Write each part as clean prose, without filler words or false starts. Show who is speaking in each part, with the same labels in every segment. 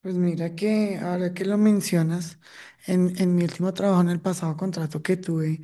Speaker 1: Pues mira que ahora que lo mencionas, en mi último trabajo, en el pasado contrato que tuve,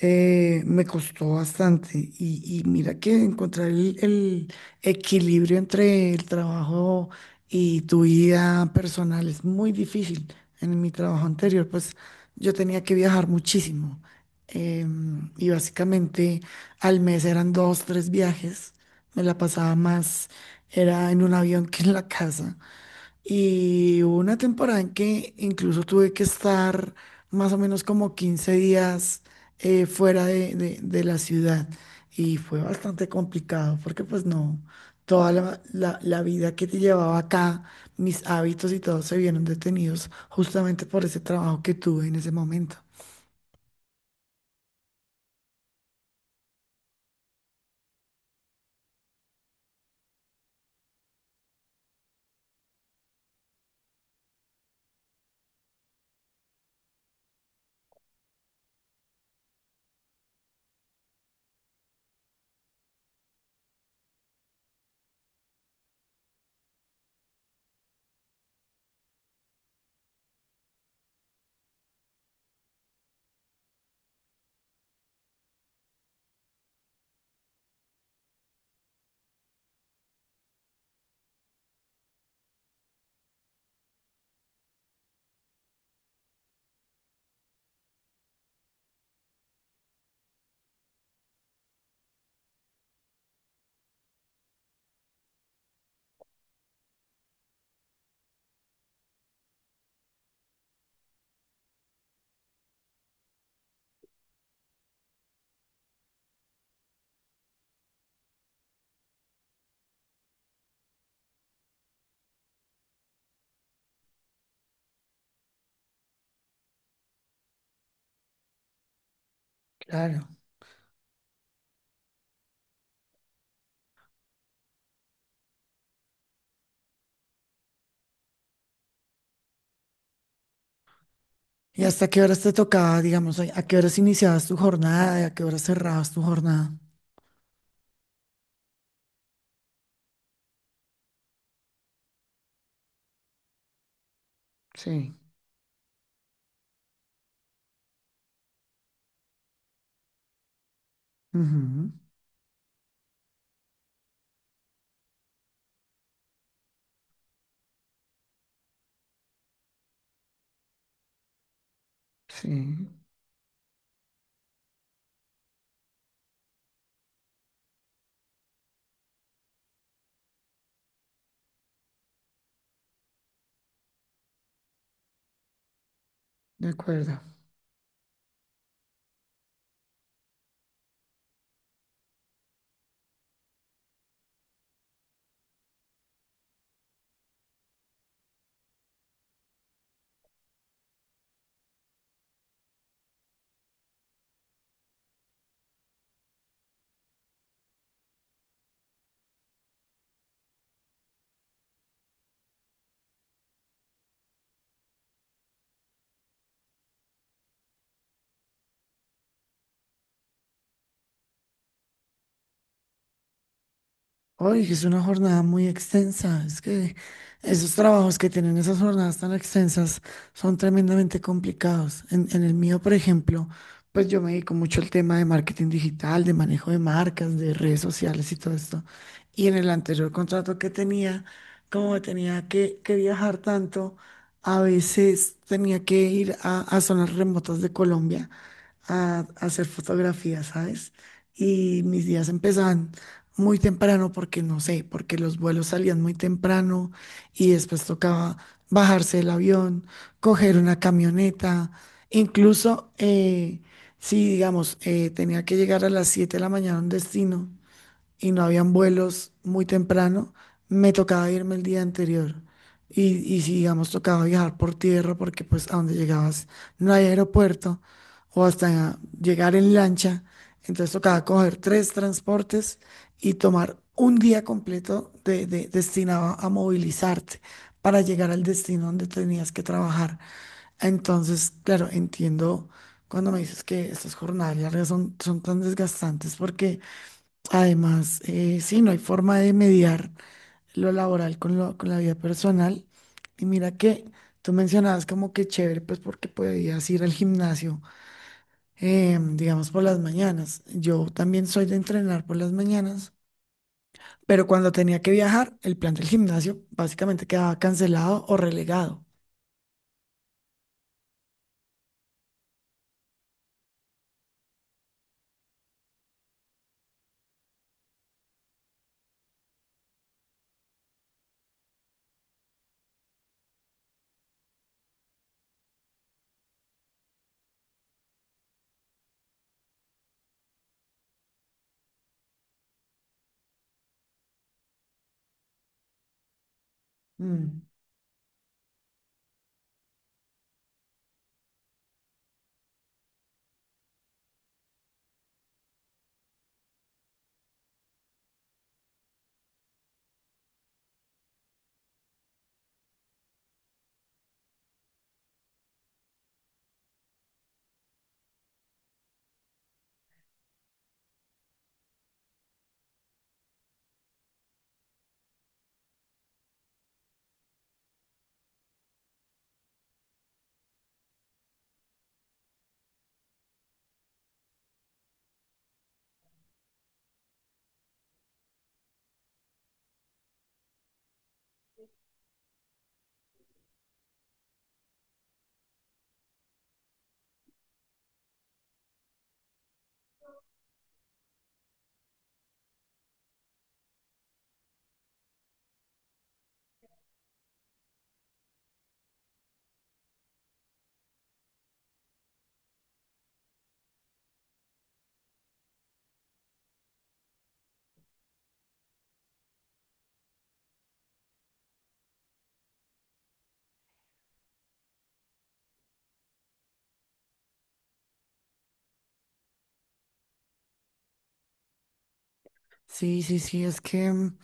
Speaker 1: me costó bastante. Y mira que encontrar el equilibrio entre el trabajo y tu vida personal es muy difícil. En mi trabajo anterior, pues yo tenía que viajar muchísimo. Y básicamente al mes eran dos, tres viajes. Me la pasaba más, era en un avión que en la casa. Y hubo una temporada en que incluso tuve que estar más o menos como 15 días fuera de la ciudad. Y fue bastante complicado porque pues no, toda la vida que te llevaba acá, mis hábitos y todo se vieron detenidos justamente por ese trabajo que tuve en ese momento. Claro. ¿Y hasta qué horas te tocaba, digamos, a qué horas iniciabas tu jornada y a qué horas cerrabas tu jornada? Sí. Ujú. Sí, de acuerdo. Oye, es una jornada muy extensa. Es que esos trabajos que tienen esas jornadas tan extensas son tremendamente complicados. En el mío, por ejemplo, pues yo me dedico mucho al tema de marketing digital, de manejo de marcas, de redes sociales y todo esto. Y en el anterior contrato que tenía, como tenía que viajar tanto, a veces tenía que ir a zonas remotas de Colombia a hacer fotografías, ¿sabes? Y mis días empezaban muy temprano porque no sé, porque los vuelos salían muy temprano y después tocaba bajarse del avión, coger una camioneta, incluso si digamos tenía que llegar a las 7 de la mañana a un destino y no habían vuelos muy temprano, me tocaba irme el día anterior. Y, y si, digamos, tocaba viajar por tierra, porque pues a donde llegabas no hay aeropuerto, o hasta llegar en lancha, entonces tocaba coger tres transportes y tomar un día completo de, destinado a movilizarte para llegar al destino donde tenías que trabajar. Entonces, claro, entiendo cuando me dices que estas jornadas largas son tan desgastantes porque además, sí, no hay forma de mediar lo laboral con la vida personal. Y mira que tú mencionabas como que chévere, pues porque podías ir al gimnasio, digamos, por las mañanas. Yo también soy de entrenar por las mañanas, pero cuando tenía que viajar, el plan del gimnasio básicamente quedaba cancelado o relegado. Mm, sí, sí, sí, es que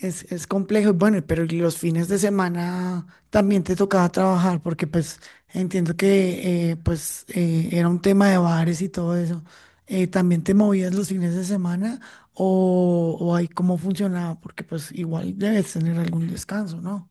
Speaker 1: es complejo, bueno, pero ¿y los fines de semana también te tocaba trabajar, porque pues entiendo que pues era un tema de bares y todo eso? ¿También te movías los fines de semana o ahí cómo funcionaba? Porque pues igual debes tener algún descanso, ¿no?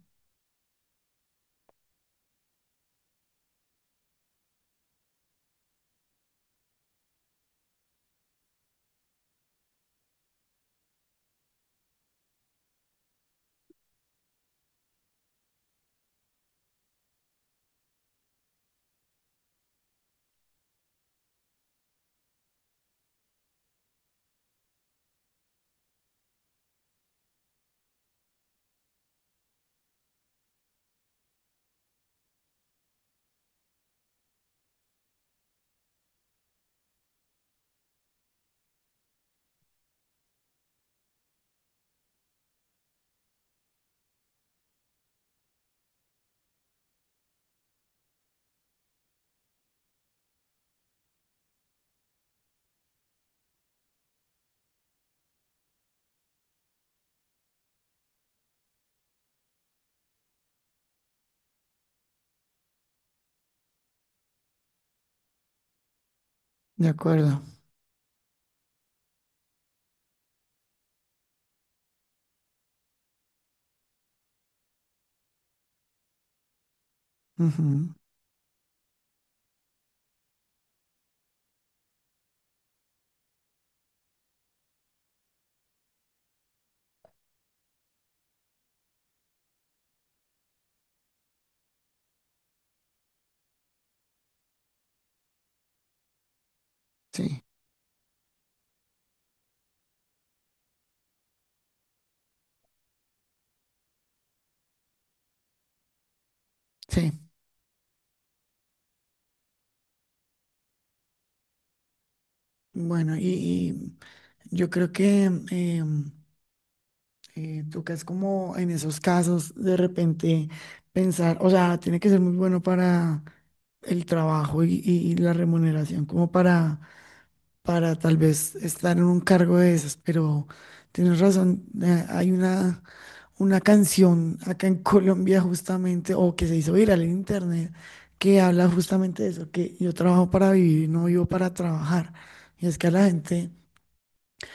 Speaker 1: De acuerdo. Ujú. Sí, sí. Bueno, y yo creo que em, tocas como en esos casos de repente pensar, o sea, tiene que ser muy bueno para el trabajo y la remuneración, como para tal vez estar en un cargo de esas, pero tienes razón, hay una canción acá en Colombia justamente, o que se hizo viral en internet, que habla justamente de eso, que yo trabajo para vivir, no vivo para trabajar. Y es que a la gente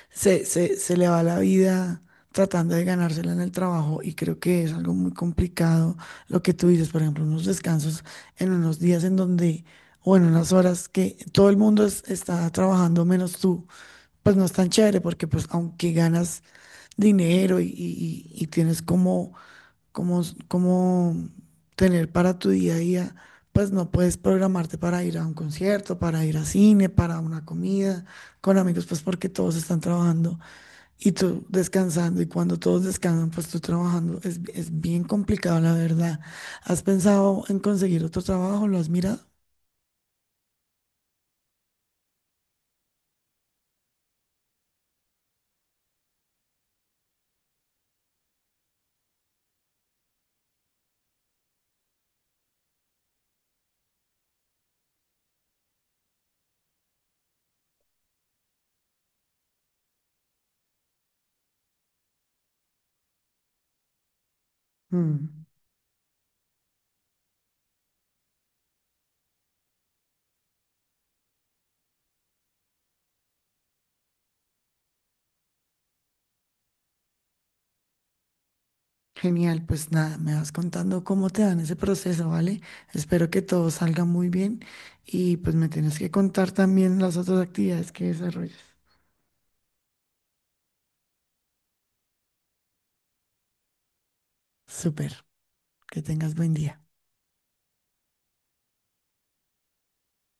Speaker 1: se le va la vida tratando de ganársela en el trabajo y creo que es algo muy complicado lo que tú dices, por ejemplo, unos descansos en unos días en donde, o en unas horas que todo el mundo está trabajando menos tú, pues no es tan chévere porque pues aunque ganas dinero y tienes como, como tener para tu día a día. Pues no puedes programarte para ir a un concierto, para ir a cine, para una comida con amigos, pues porque todos están trabajando. Y tú descansando, y cuando todos descansan, pues tú trabajando. Es bien complicado, la verdad. ¿Has pensado en conseguir otro trabajo? ¿Lo has mirado? Mm, Genial, pues nada, me vas contando cómo te dan ese proceso, ¿vale? Espero que todo salga muy bien y pues me tienes que contar también las otras actividades que desarrollas. Súper, que tengas buen día.